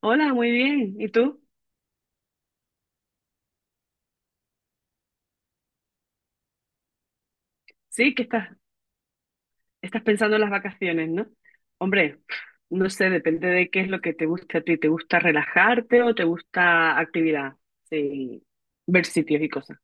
Hola, muy bien. ¿Y tú? Sí, que estás, estás pensando en las vacaciones, ¿no? Hombre, no sé, depende de qué es lo que te gusta a ti. ¿Te gusta relajarte o te gusta actividad? Sí, ver sitios y cosas.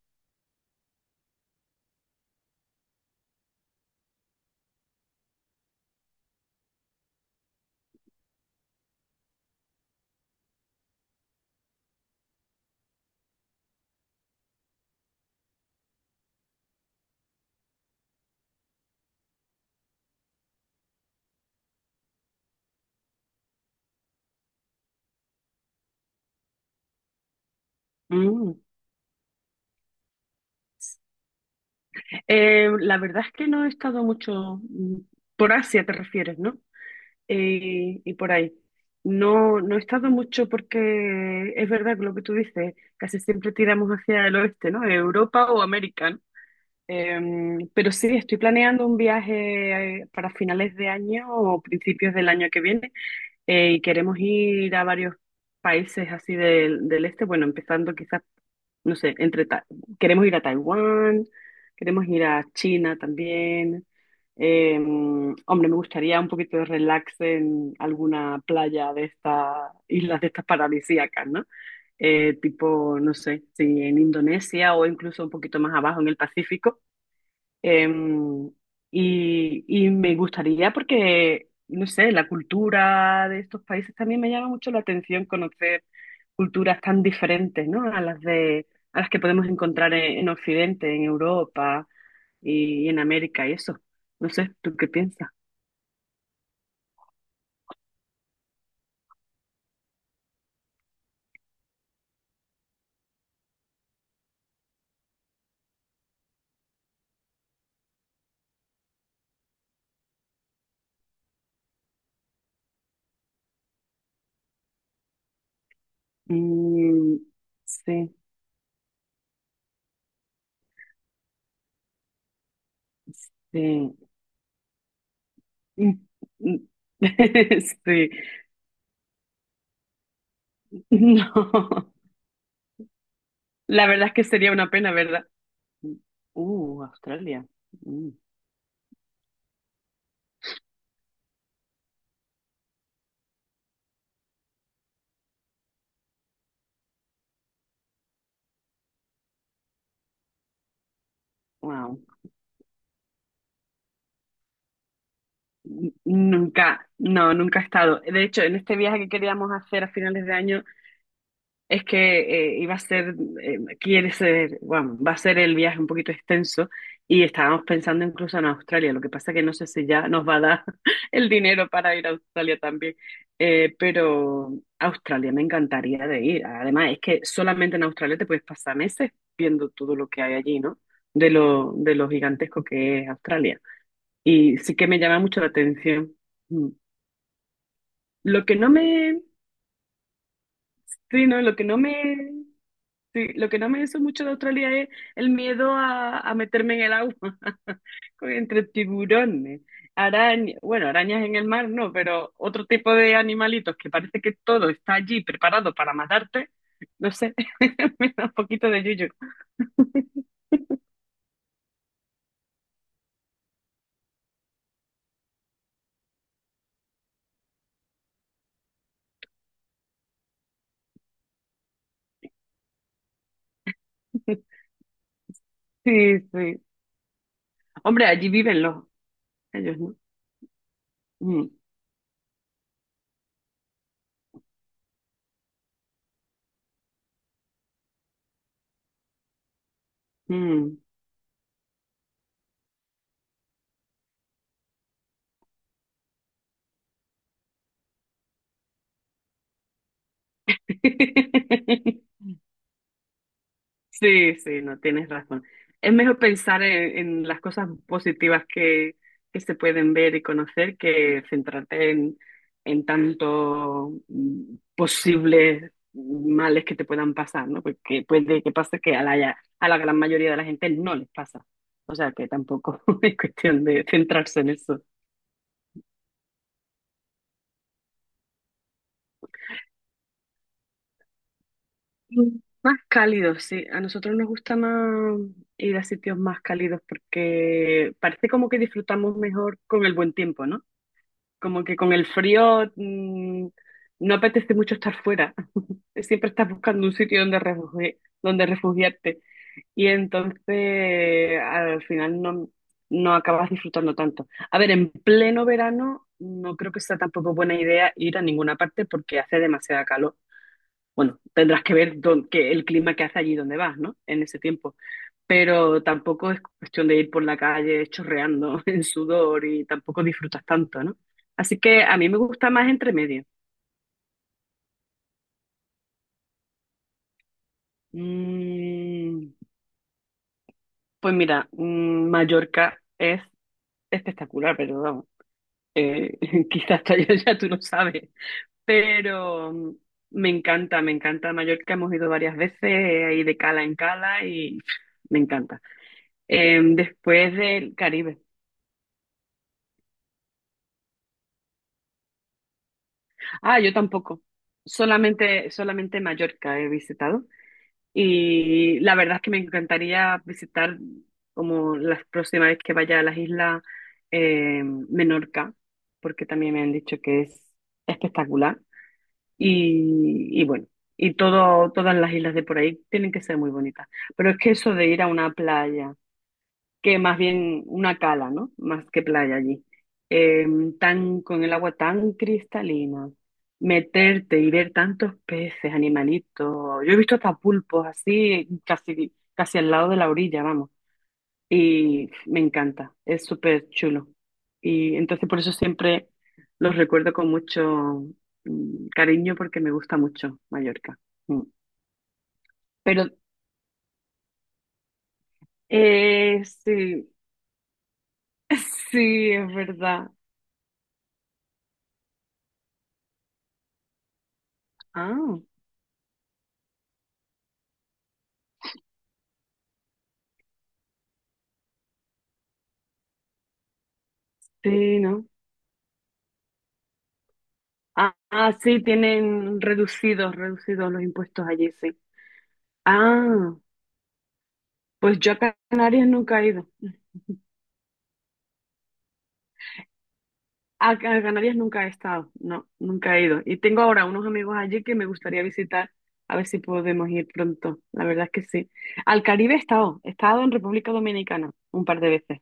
Mm. La verdad es que no he estado mucho por Asia, te refieres, ¿no? Y por ahí. No, he estado mucho porque es verdad que lo que tú dices, casi siempre tiramos hacia el oeste, ¿no? Europa o América. Pero sí, estoy planeando un viaje para finales de año o principios del año que viene y queremos ir a varios países así del este. Bueno, empezando quizás, no sé, queremos ir a Taiwán, queremos ir a China también. Hombre, me gustaría un poquito de relax en alguna playa de estas islas, de estas paradisíacas, ¿no? Tipo, no sé, si en Indonesia o incluso un poquito más abajo en el Pacífico. Em, y me gustaría porque, no sé, la cultura de estos países también me llama mucho la atención, conocer culturas tan diferentes, ¿no? A las que podemos encontrar en Occidente, en Europa y en América y eso. No sé, ¿tú qué piensas? Mm, sí, sí. Mm, mm. Sí. No. La verdad es que sería una pena, ¿verdad? Australia. Mm. Wow. Nunca, no, nunca he estado. De hecho, en este viaje que queríamos hacer a finales de año, es que iba a ser, quiere ser, bueno, va a ser el viaje un poquito extenso y estábamos pensando incluso en Australia. Lo que pasa que no sé si ya nos va a dar el dinero para ir a Australia también. Pero Australia me encantaría de ir. Además, es que solamente en Australia te puedes pasar meses viendo todo lo que hay allí, ¿no? De lo gigantesco que es Australia. Y sí que me llama mucho la atención. Mm. Lo que no me, sí, no, lo que no me, sí, lo que no me hizo mucho de Australia es el miedo a meterme en el agua, entre tiburones, arañas, bueno, arañas en el mar no, pero otro tipo de animalitos que parece que todo está allí preparado para matarte, no sé, me da un poquito de yuyu. Sí, sí. Hombre, allí viven los, ellos, ¿no? Mm, mm. Sí, sí, no tienes razón. Es mejor pensar en las cosas positivas que se pueden ver y conocer, que centrarte en tanto posibles males que te puedan pasar, ¿no? Porque puede que pase que a a la gran mayoría de la gente no les pasa. O sea que tampoco es cuestión de centrarse en eso. Mm, más cálidos, sí. A nosotros nos gusta más ir a sitios más cálidos porque parece como que disfrutamos mejor con el buen tiempo, ¿no? Como que con el frío no apetece mucho estar fuera. Siempre estás buscando un sitio donde refugiarte. Y entonces al final no, no acabas disfrutando tanto. A ver, en pleno verano no creo que sea tampoco buena idea ir a ninguna parte porque hace demasiada calor. Bueno, tendrás que ver dónde- que el clima que hace allí donde vas, ¿no? En ese tiempo, pero tampoco es cuestión de ir por la calle chorreando en sudor y tampoco disfrutas tanto, ¿no? Así que a mí me gusta más entre medio. Mm, pues mira, mm, Mallorca es espectacular, pero vamos, eh, quizás hasta allá ya tú no sabes, pero mm, me encanta Mallorca, hemos ido varias veces, ahí de cala en cala y pff, me encanta. Después del Caribe. Ah, yo tampoco. Solamente Mallorca he visitado. Y la verdad es que me encantaría visitar, como la próxima vez que vaya a las islas, Menorca, porque también me han dicho que es espectacular. Y bueno, todas las islas de por ahí tienen que ser muy bonitas. Pero es que eso de ir a una playa, que más bien una cala, ¿no? Más que playa allí. Eh, Tan, con el agua tan cristalina, meterte y ver tantos peces, animalitos. Yo he visto hasta pulpos así, casi, casi al lado de la orilla, vamos. Y me encanta, es súper chulo. Y entonces por eso siempre los recuerdo con mucho cariño, porque me gusta mucho Mallorca. Mm. Pero sí, sí, es verdad. Ah. Sí, ¿no? Ah, ah, sí, tienen reducidos, reducidos los impuestos allí, sí. Ah, pues yo a Canarias nunca he ido. A Canarias nunca he estado, no, nunca he ido. Y tengo ahora unos amigos allí que me gustaría visitar, a ver si podemos ir pronto. La verdad es que sí. Al Caribe he estado en República Dominicana un par de veces.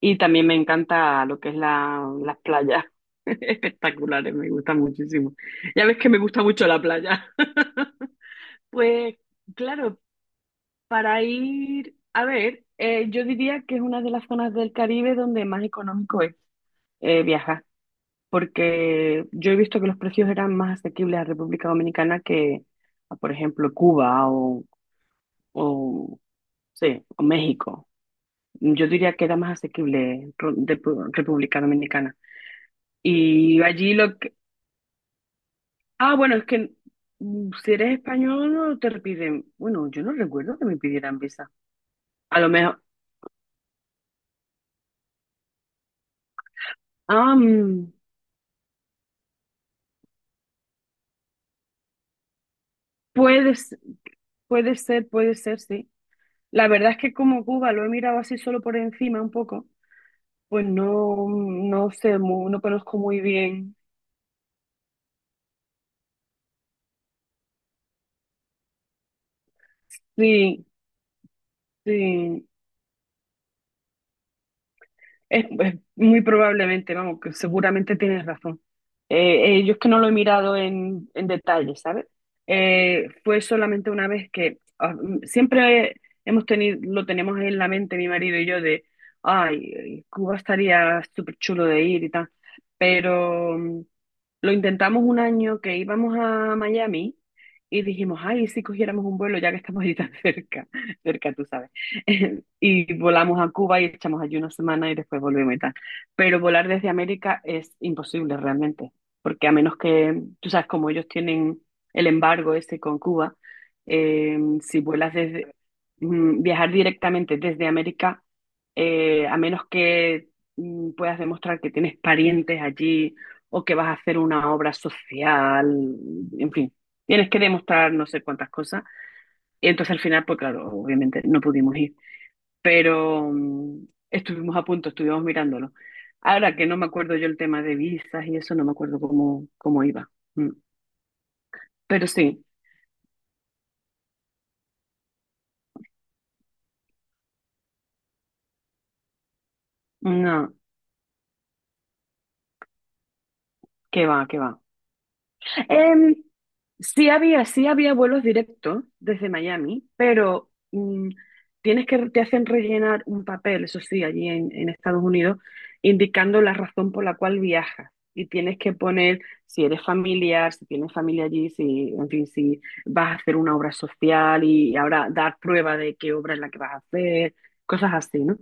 Y también me encanta lo que es las playas. Espectaculares, me gusta muchísimo. Ya ves que me gusta mucho la playa. Pues claro, para ir, a ver, yo diría que es una de las zonas del Caribe donde más económico es viajar, porque yo he visto que los precios eran más asequibles a República Dominicana a, por ejemplo, Cuba o, sí, o México. Yo diría que era más asequible República Dominicana. Y allí lo que... Ah, bueno, es que mm, si eres español no te piden... Bueno, yo no recuerdo que me pidieran visa. A lo mejor... Ah, mm, puedes, puede ser, puede ser, sí. La verdad es que como Cuba lo he mirado así solo por encima un poco, pues no, no sé, no conozco muy bien. Sí, sí. Es muy probablemente, vamos, que seguramente tienes razón. Yo es que no lo he mirado en detalle, ¿sabes? Fue solamente una vez que ah, mm, siempre hemos tenido, lo tenemos en la mente mi marido y yo de, ay, Cuba estaría súper chulo de ir y tal, pero... mm, lo intentamos un año que íbamos a Miami y dijimos, ay, ¿y si cogiéramos un vuelo ya que estamos ahí tan cerca, cerca, tú sabes. Y volamos a Cuba y echamos allí una semana y después volvemos y tal. Pero volar desde América es imposible realmente, porque a menos que, tú sabes, como ellos tienen el embargo este con Cuba, si vuelas desde, mm, viajar directamente desde América, a menos que mm, puedas demostrar que tienes parientes allí o que vas a hacer una obra social, en fin, tienes que demostrar no sé cuántas cosas. Y entonces al final, pues claro, obviamente no pudimos ir, pero mm, estuvimos a punto, estuvimos mirándolo. Ahora que no me acuerdo yo el tema de visas y eso, no me acuerdo cómo iba. Mm. Pero sí, no, que va, que va. Em, sí había vuelos directos desde Miami, pero mm, tienes que, te hacen rellenar un papel, eso sí, allí en Estados Unidos, indicando la razón por la cual viajas. Y tienes que poner si eres familiar, si tienes familia allí, si, en fin, si vas a hacer una obra social y ahora dar prueba de qué obra es la que vas a hacer, cosas así, ¿no?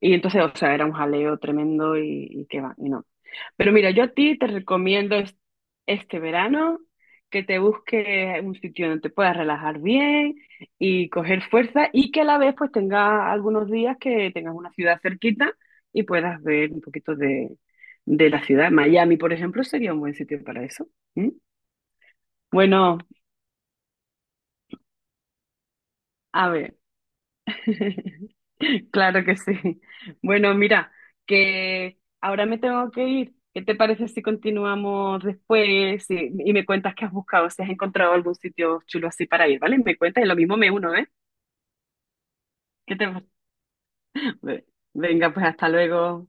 Y entonces, o sea, era un jaleo tremendo y que va, y no. Pero mira, yo a ti te recomiendo este verano, que te busques un sitio donde te puedas relajar bien y coger fuerza y que a la vez pues tengas algunos días que tengas una ciudad cerquita y puedas ver un poquito de la ciudad. Miami, por ejemplo, sería un buen sitio para eso. ¿Mm? Bueno, a ver. Claro que sí. Bueno, mira, que ahora me tengo que ir. ¿Qué te parece si continuamos después y me cuentas qué has buscado, si has encontrado algún sitio chulo así para ir, ¿vale? Me cuentas y lo mismo me uno, ¿eh? ¿Qué te... Venga, pues hasta luego.